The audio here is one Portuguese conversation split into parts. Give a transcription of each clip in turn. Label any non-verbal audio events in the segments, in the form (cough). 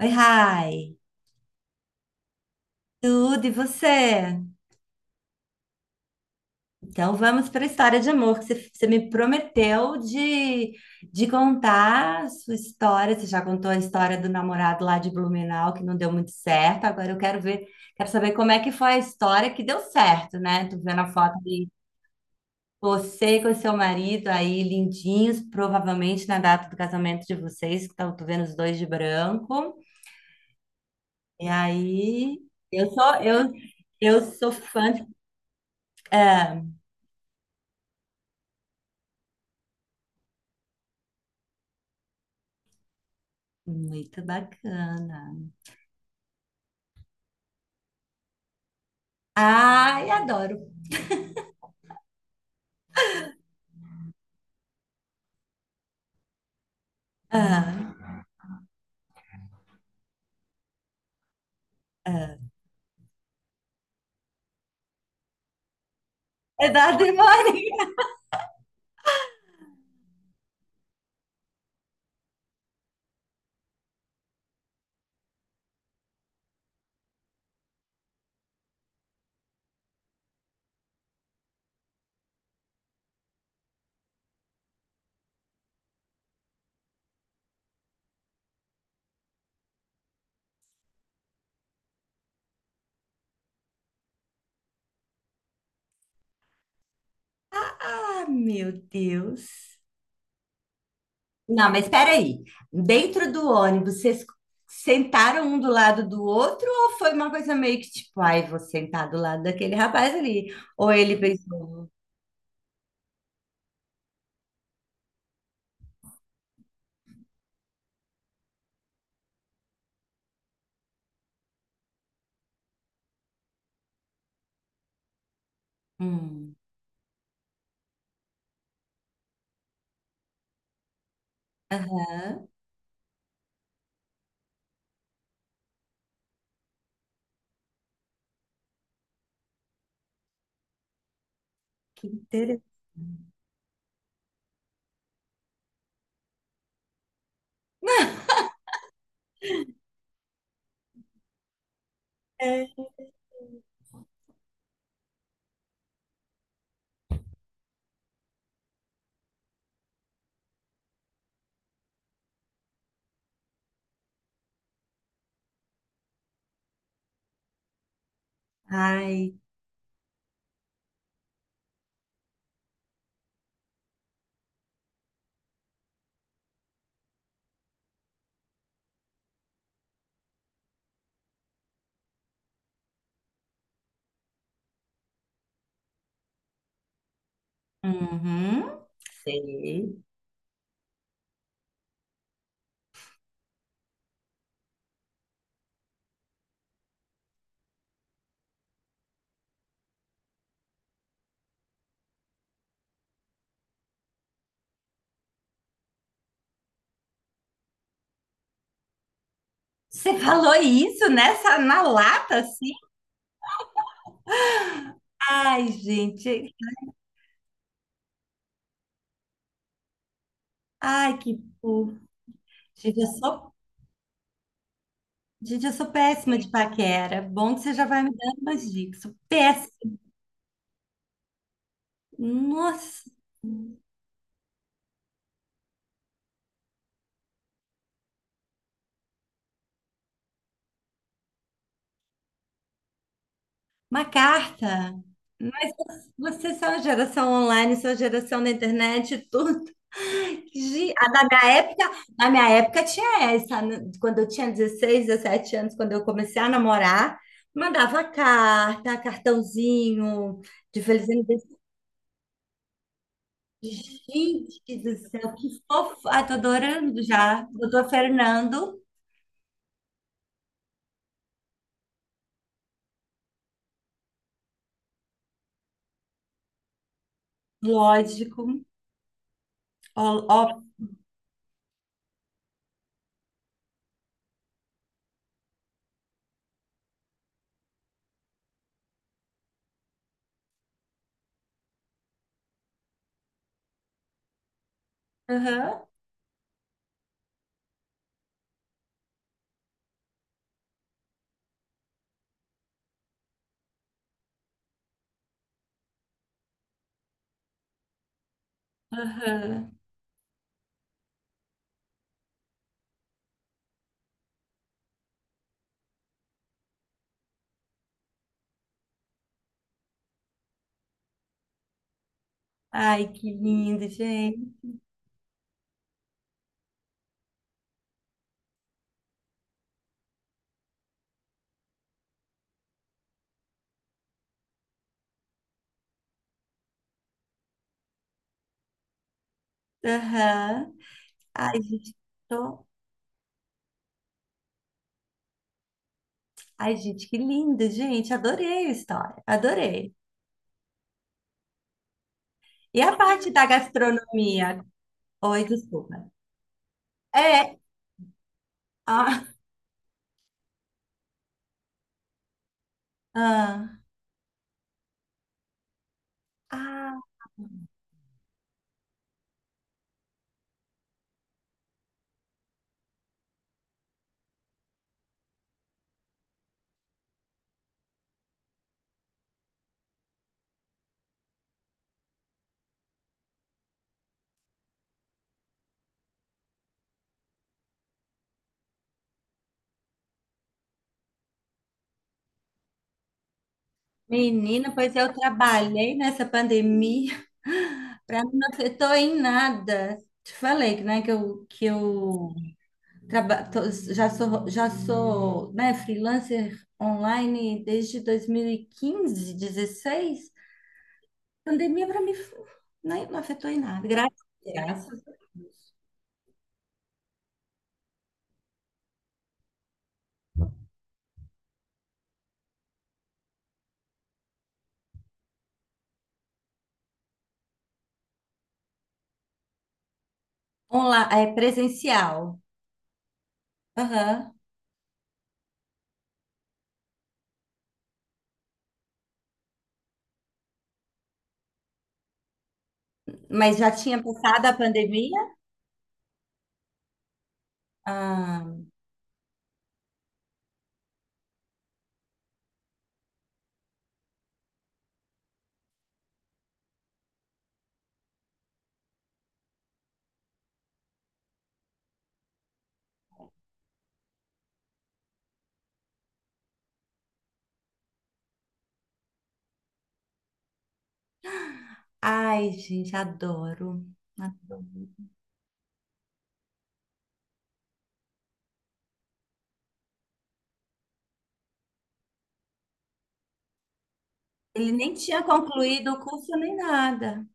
Oi, Rai. Tudo e você? Então vamos para a história de amor que você me prometeu de contar a sua história. Você já contou a história do namorado lá de Blumenau que não deu muito certo. Agora eu quero ver, quero saber como é que foi a história que deu certo, né? Tô vendo a foto de você com seu marido aí lindinhos, provavelmente na data do casamento de vocês, que estão tô vendo os dois de branco. E aí, eu sou eu eu sou fã de, é, Muito bacana. Ai, adoro. Ah, é da Mônica. Ah, meu Deus. Não, mas espera aí. Dentro do ônibus, vocês sentaram um do lado do outro ou foi uma coisa meio que tipo, ai, vou sentar do lado daquele rapaz ali? Ou ele pensou, hum, aham, que interessante. É. Ai, uhum, sei. Você falou isso nessa na lata assim? Ai, gente. Ai, que fofo. Gente, eu sou, gente, eu sou péssima de paquera. Bom que você já vai me dando umas dicas. Sou péssima. Nossa, uma carta. Vocês são a geração online, são a geração da internet, e tudo. (laughs) A da minha época, Na minha época tinha essa, né? Quando eu tinha 16, 17 anos, quando eu comecei a namorar, mandava carta, cartãozinho de feliz. Gente do céu, que fofo. Ai, tô adorando já. Doutor Fernando, lógico. Ó, ó. Aham, aham. Ai, que lindo, gente. Aham. Ai, gente, tô. Ai, gente, que lindo, gente. Adorei a história, adorei. E a parte da gastronomia? Oi, desculpa. É. Ah, ah, ah. Menina, pois eu trabalhei nessa pandemia (laughs) para mim não afetou em nada. Te falei, né, que eu já sou, né, freelancer online desde 2015, 16. Pandemia para mim né, não afetou em nada. Graças, graças. É presencial. Aham. Mas já tinha passado a pandemia? Ah, ai, gente, adoro. Adoro. Ele nem tinha concluído o curso nem nada.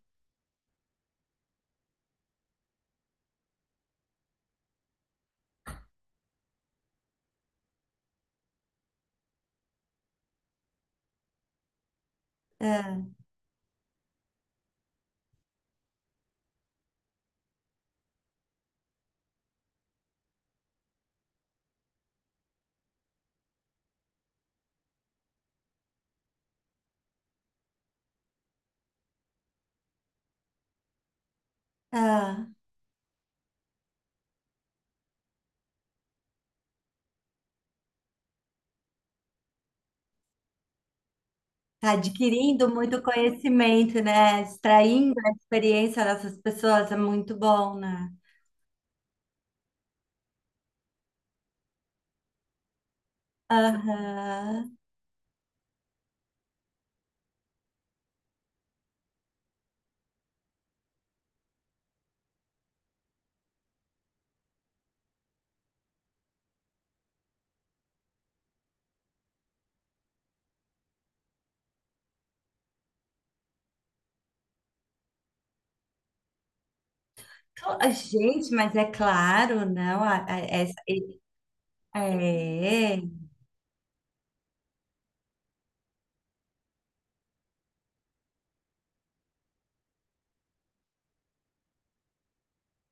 Ah, adquirindo muito conhecimento, né? Extraindo a experiência dessas pessoas é muito bom, né? Aham. Gente, mas é claro, não. É,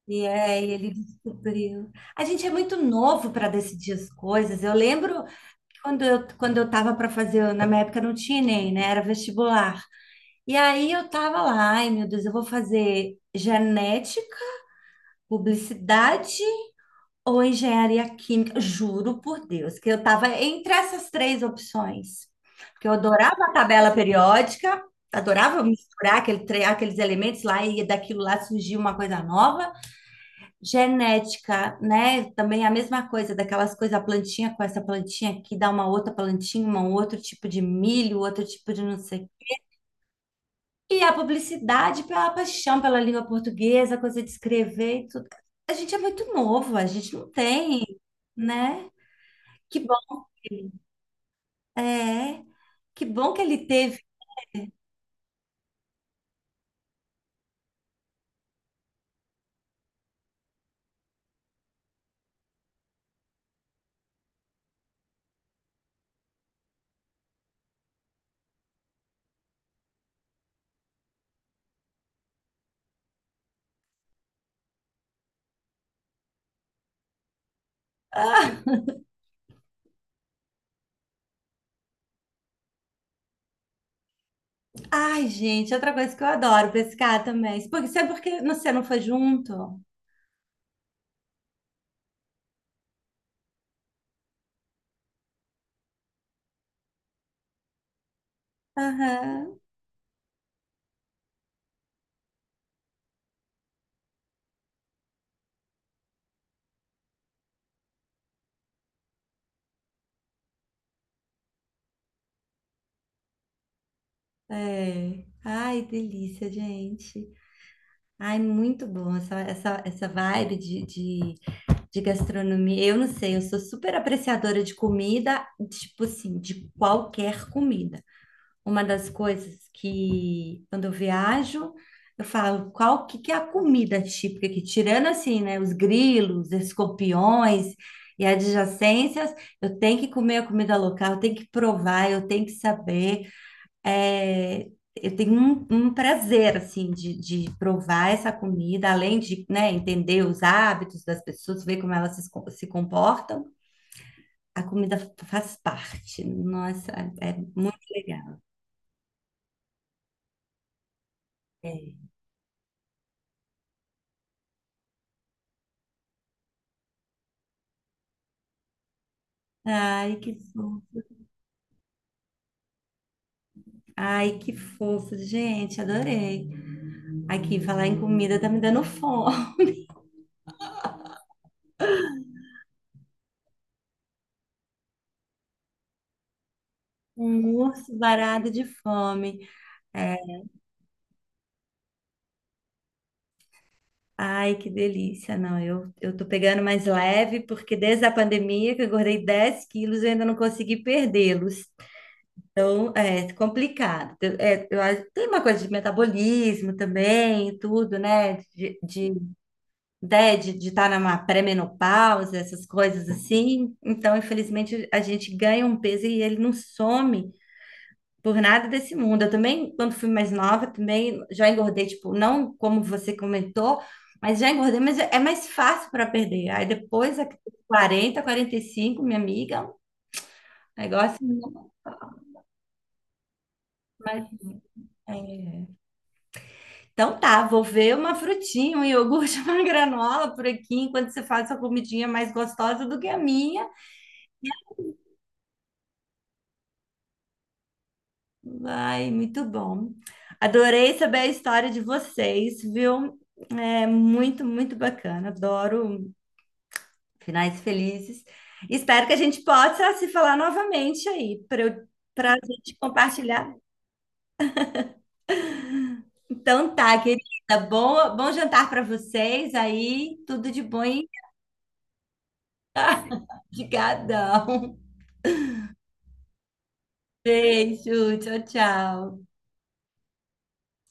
e aí ele descobriu. A gente é muito novo para decidir as coisas. Eu lembro que quando eu estava para fazer, na minha época não tinha nem, né? Era vestibular. E aí eu tava lá, ai meu Deus, eu vou fazer genética, publicidade ou engenharia química. Juro por Deus, que eu tava entre essas três opções. Porque eu adorava a tabela periódica, adorava misturar aqueles elementos lá e daquilo lá surgiu uma coisa nova. Genética, né? Também é a mesma coisa, daquelas coisas, a plantinha com essa plantinha aqui dá uma outra plantinha, um outro tipo de milho, outro tipo de não sei. E a publicidade pela paixão pela língua portuguesa, coisa de escrever e tudo. A gente é muito novo, a gente não tem, né? Que bom que ele é, que bom que ele teve. Ah, ai, gente, outra coisa que eu adoro pescar também. Porque, sabe por que você não foi junto? Aham, é. Ai, delícia, gente. Ai, muito bom essa vibe de gastronomia. Eu não sei, eu sou super apreciadora de comida, tipo assim, de qualquer comida. Uma das coisas que quando eu viajo, eu falo, qual que é a comida típica que tirando assim, né, os grilos, escorpiões e adjacências, eu tenho que comer a comida local, eu tenho que provar, eu tenho que saber, é, eu tenho um prazer, assim, de provar essa comida, além de, né, entender os hábitos das pessoas, ver como elas se comportam. A comida faz parte. Nossa, é muito legal. É. Ai, que fofo. Ai, que fofo, gente, adorei. Aqui, falar em comida tá me dando fome. (laughs) Um urso varado de fome. É. Ai, que delícia. Não, eu tô pegando mais leve, porque desde a pandemia que eu engordei 10 quilos, eu ainda não consegui perdê-los. Então, é complicado. É, tem uma coisa de metabolismo também, e tudo, né? De, né, de estar numa pré-menopausa, essas coisas assim. Então, infelizmente, a gente ganha um peso e ele não some. Por nada desse mundo. Eu também, quando fui mais nova, também já engordei, tipo, não como você comentou, mas já engordei, mas é mais fácil para perder. Aí depois, a 40, 45, minha amiga, o negócio não é mais. É. Então tá, vou ver uma frutinha, um iogurte, (laughs) uma granola por aqui, enquanto você faz sua comidinha mais gostosa do que a minha. Vai, muito bom. Adorei saber a história de vocês, viu? É muito, muito bacana. Adoro finais felizes. Espero que a gente possa se falar novamente aí, para a gente compartilhar. Então tá, querida, bom jantar para vocês aí, tudo de bom e de gadão. Beijo, tchau, tchau.